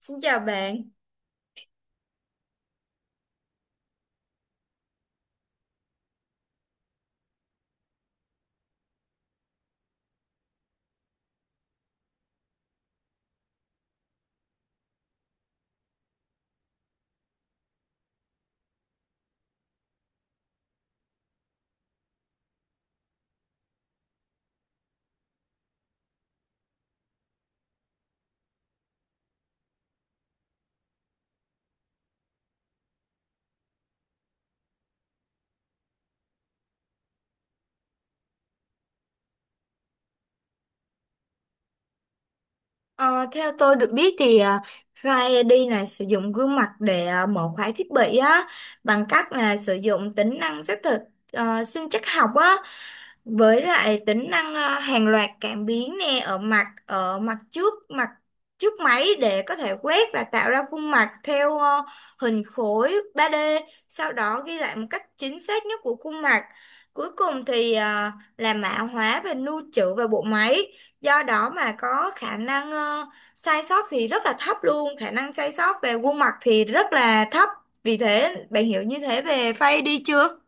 Xin chào bạn. Ờ, Theo tôi được biết thì Face ID này sử dụng gương mặt để mở khóa thiết bị á, bằng cách là sử dụng tính năng xác thực sinh trắc học á, với lại tính năng hàng loạt cảm biến nè, ở mặt trước máy để có thể quét và tạo ra khuôn mặt theo hình khối 3D, sau đó ghi lại một cách chính xác nhất của khuôn mặt. Cuối cùng thì là mã hóa và lưu trữ vào bộ máy, do đó mà có khả năng sai sót thì rất là thấp luôn, khả năng sai sót về khuôn mặt thì rất là thấp. Vì thế bạn hiểu như thế về face đi chưa?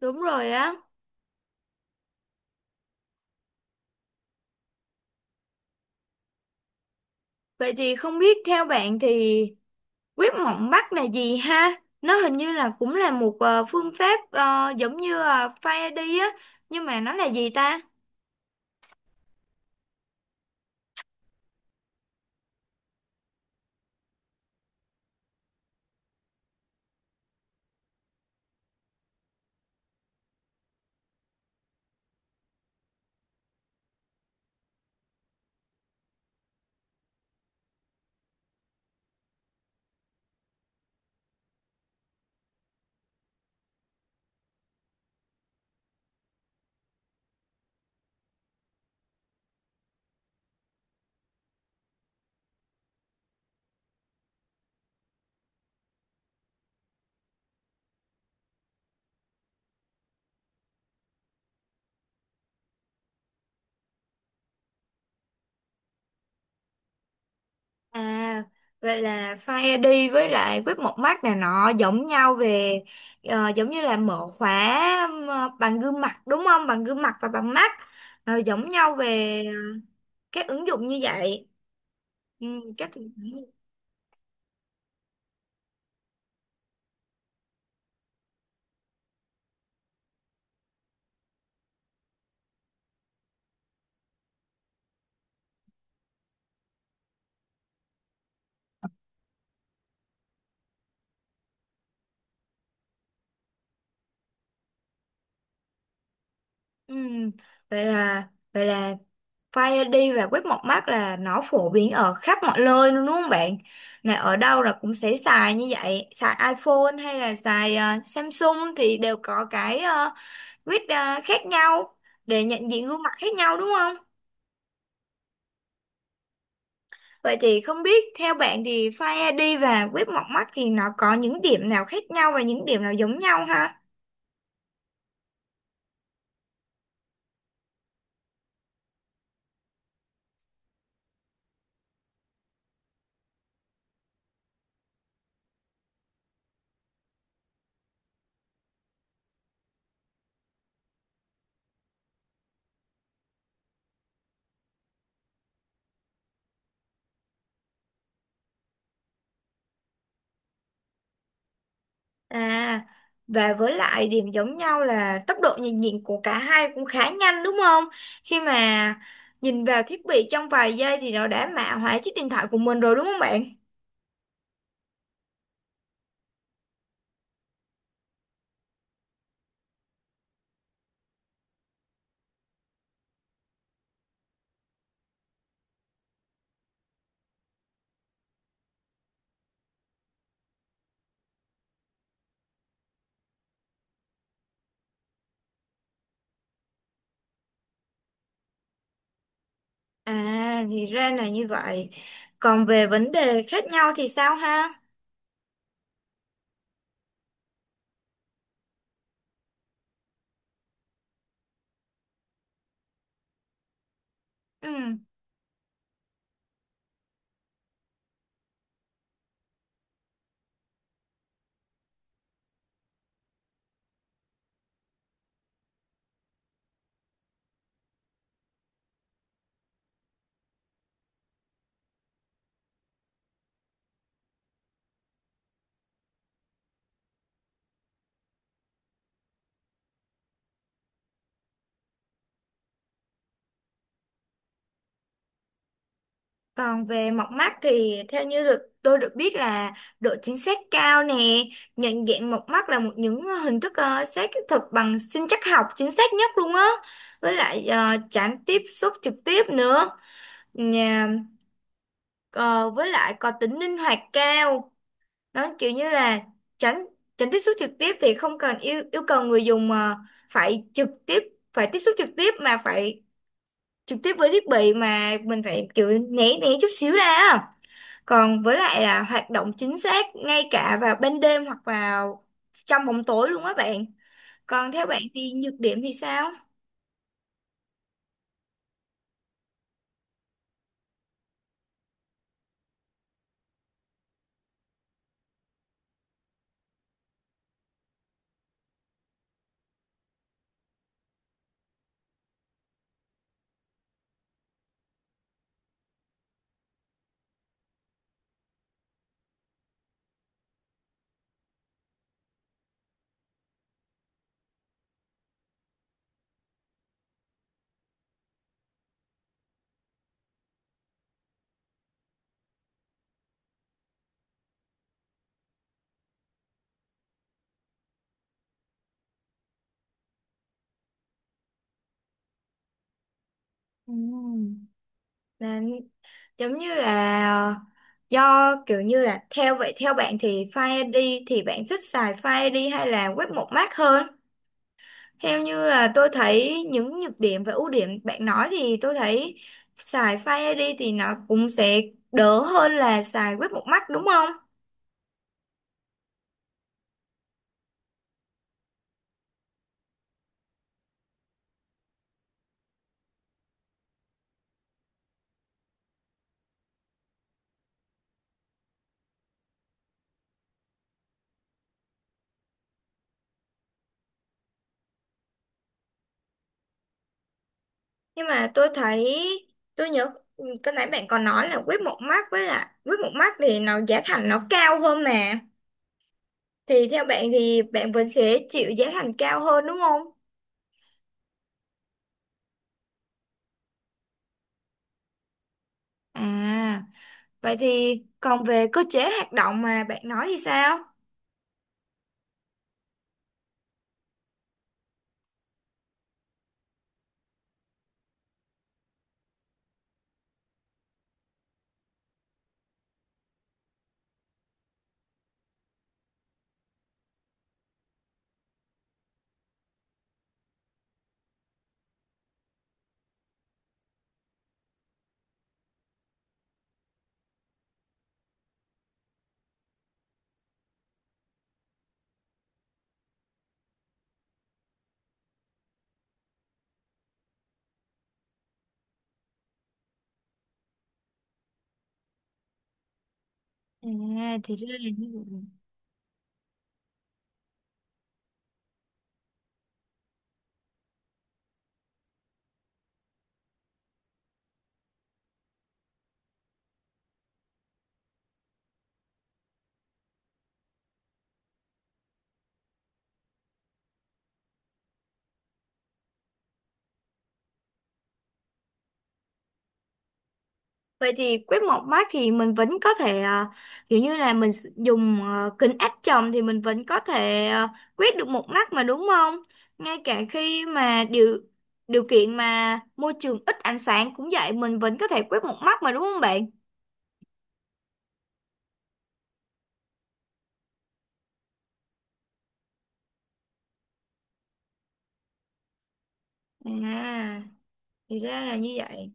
Đúng rồi á. Vậy thì không biết theo bạn thì quét mống mắt là gì ha? Nó hình như là cũng là một phương pháp giống như face ID á, nhưng mà nó là gì ta? À, vậy là Fire ai đi với lại web một mắt này nọ giống nhau về, giống như là mở khóa bằng gương mặt đúng không? Bằng gương mặt và bằng mắt. Rồi giống nhau về các ứng dụng như vậy. Ừ, các ừ, vậy là vậy là Fire ai đi và web một mắt là nó phổ biến ở khắp mọi nơi luôn đúng không bạn? Này ở đâu là cũng sẽ xài như vậy, xài iPhone hay là xài Samsung thì đều có cái quyết khác nhau để nhận diện gương mặt khác nhau đúng không? Vậy thì không biết theo bạn thì Face ID và quét mọc mắt thì nó có những điểm nào khác nhau và những điểm nào giống nhau ha? À, và với lại điểm giống nhau là tốc độ nhận diện của cả hai cũng khá nhanh đúng không? Khi mà nhìn vào thiết bị trong vài giây thì nó đã mã hóa chiếc điện thoại của mình rồi đúng không bạn? À, thì ra là như vậy. Còn về vấn đề khác nhau thì sao ha? Ừ. Còn về mọc mắt thì theo như tôi được biết là độ chính xác cao nè, nhận dạng mọc mắt là một những hình thức xác thực bằng sinh trắc học chính xác nhất luôn á. Với lại tránh tiếp xúc trực tiếp nữa. Nhà, ờ, với lại có tính linh hoạt cao. Nó kiểu như là tránh tránh tiếp xúc trực tiếp thì không cần yêu yêu cầu người dùng mà phải trực tiếp, phải tiếp xúc trực tiếp mà phải trực tiếp với thiết bị, mà mình phải kiểu né né chút xíu ra á. Còn với lại là hoạt động chính xác ngay cả vào ban đêm hoặc vào trong bóng tối luôn á bạn. Còn theo bạn thì nhược điểm thì sao? Ừm. Là giống như là do kiểu như là theo vậy, theo bạn thì Fire ai đi thì bạn thích xài Fire ai đi hay là web một mác hơn? Theo như là tôi thấy những nhược điểm và ưu điểm bạn nói thì tôi thấy xài Fire ai đi thì nó cũng sẽ đỡ hơn là xài web một mác đúng không? Nhưng mà tôi thấy, tôi nhớ cái nãy bạn còn nói là quýt một mắt với là quýt một mắt thì nó giá thành nó cao hơn mà, thì theo bạn thì bạn vẫn sẽ chịu giá thành cao hơn đúng không? À, vậy thì còn về cơ chế hoạt động mà bạn nói thì sao? À, thì ra là như vậy. Vậy thì quét một mác thì mình vẫn có thể kiểu như là mình dùng kính áp tròng thì mình vẫn có thể quét được một mắt mà đúng không? Ngay cả khi mà điều điều kiện mà môi trường ít ánh sáng cũng vậy, mình vẫn có thể quét một mắt mà đúng không bạn? À, thì ra là như vậy.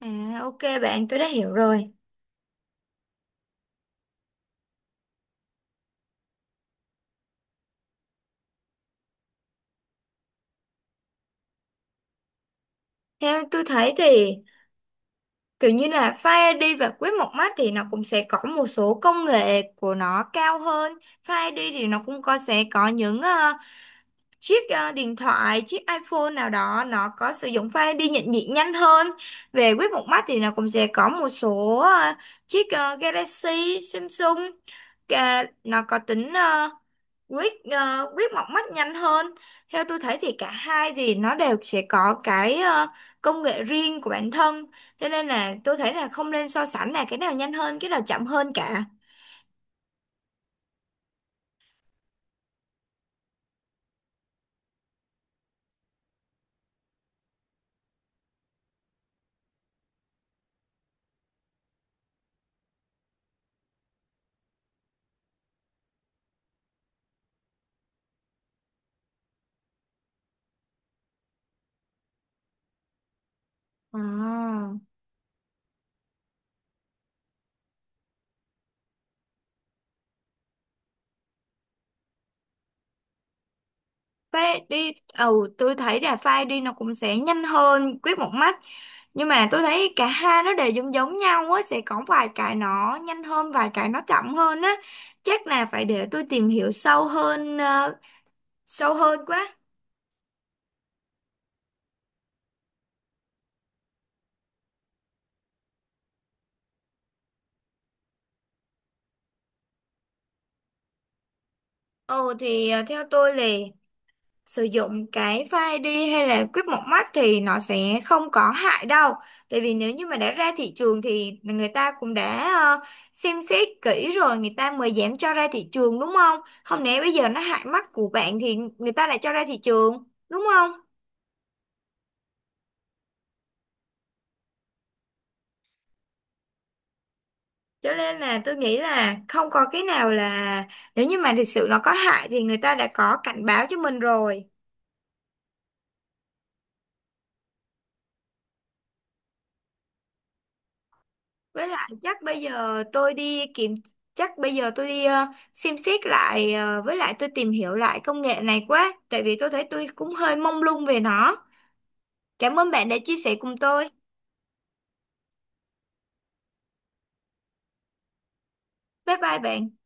À, ok bạn, tôi đã hiểu rồi. Theo tôi thấy thì kiểu như là Fire ID và quét một mắt thì nó cũng sẽ có một số công nghệ của nó cao hơn. Fire ID thì nó cũng có sẽ có những chiếc điện thoại, chiếc iPhone nào đó nó có sử dụng file đi nhận diện nhanh hơn. Về quét một mắt thì nó cũng sẽ có một số chiếc Galaxy Samsung, nó có tính quét một mắt nhanh hơn. Theo tôi thấy thì cả hai thì nó đều sẽ có cái công nghệ riêng của bản thân, cho nên là tôi thấy là không nên so sánh là cái nào nhanh hơn cái nào chậm hơn cả. À. Phai đi, ừ, tôi thấy là file đi nó cũng sẽ nhanh hơn quét một mắt. Nhưng mà tôi thấy cả hai nó đều giống giống nhau á, sẽ có vài cái nó nhanh hơn vài cái nó chậm hơn á. Chắc là phải để tôi tìm hiểu sâu hơn, sâu hơn quá. Ừ, thì theo tôi là sử dụng cái file đi hay là quýt một mắt thì nó sẽ không có hại đâu. Tại vì nếu như mà đã ra thị trường thì người ta cũng đã xem xét kỹ rồi người ta mới dám cho ra thị trường đúng không? Không lẽ bây giờ nó hại mắt của bạn thì người ta lại cho ra thị trường đúng không? Cho nên là tôi nghĩ là không có cái nào là, nếu như mà thực sự nó có hại thì người ta đã có cảnh báo cho mình rồi. Với lại chắc bây giờ tôi đi kiểm, chắc bây giờ tôi đi xem xét lại, với lại tôi tìm hiểu lại công nghệ này quá, tại vì tôi thấy tôi cũng hơi mông lung về nó. Cảm ơn bạn đã chia sẻ cùng tôi. Bye bye bạn.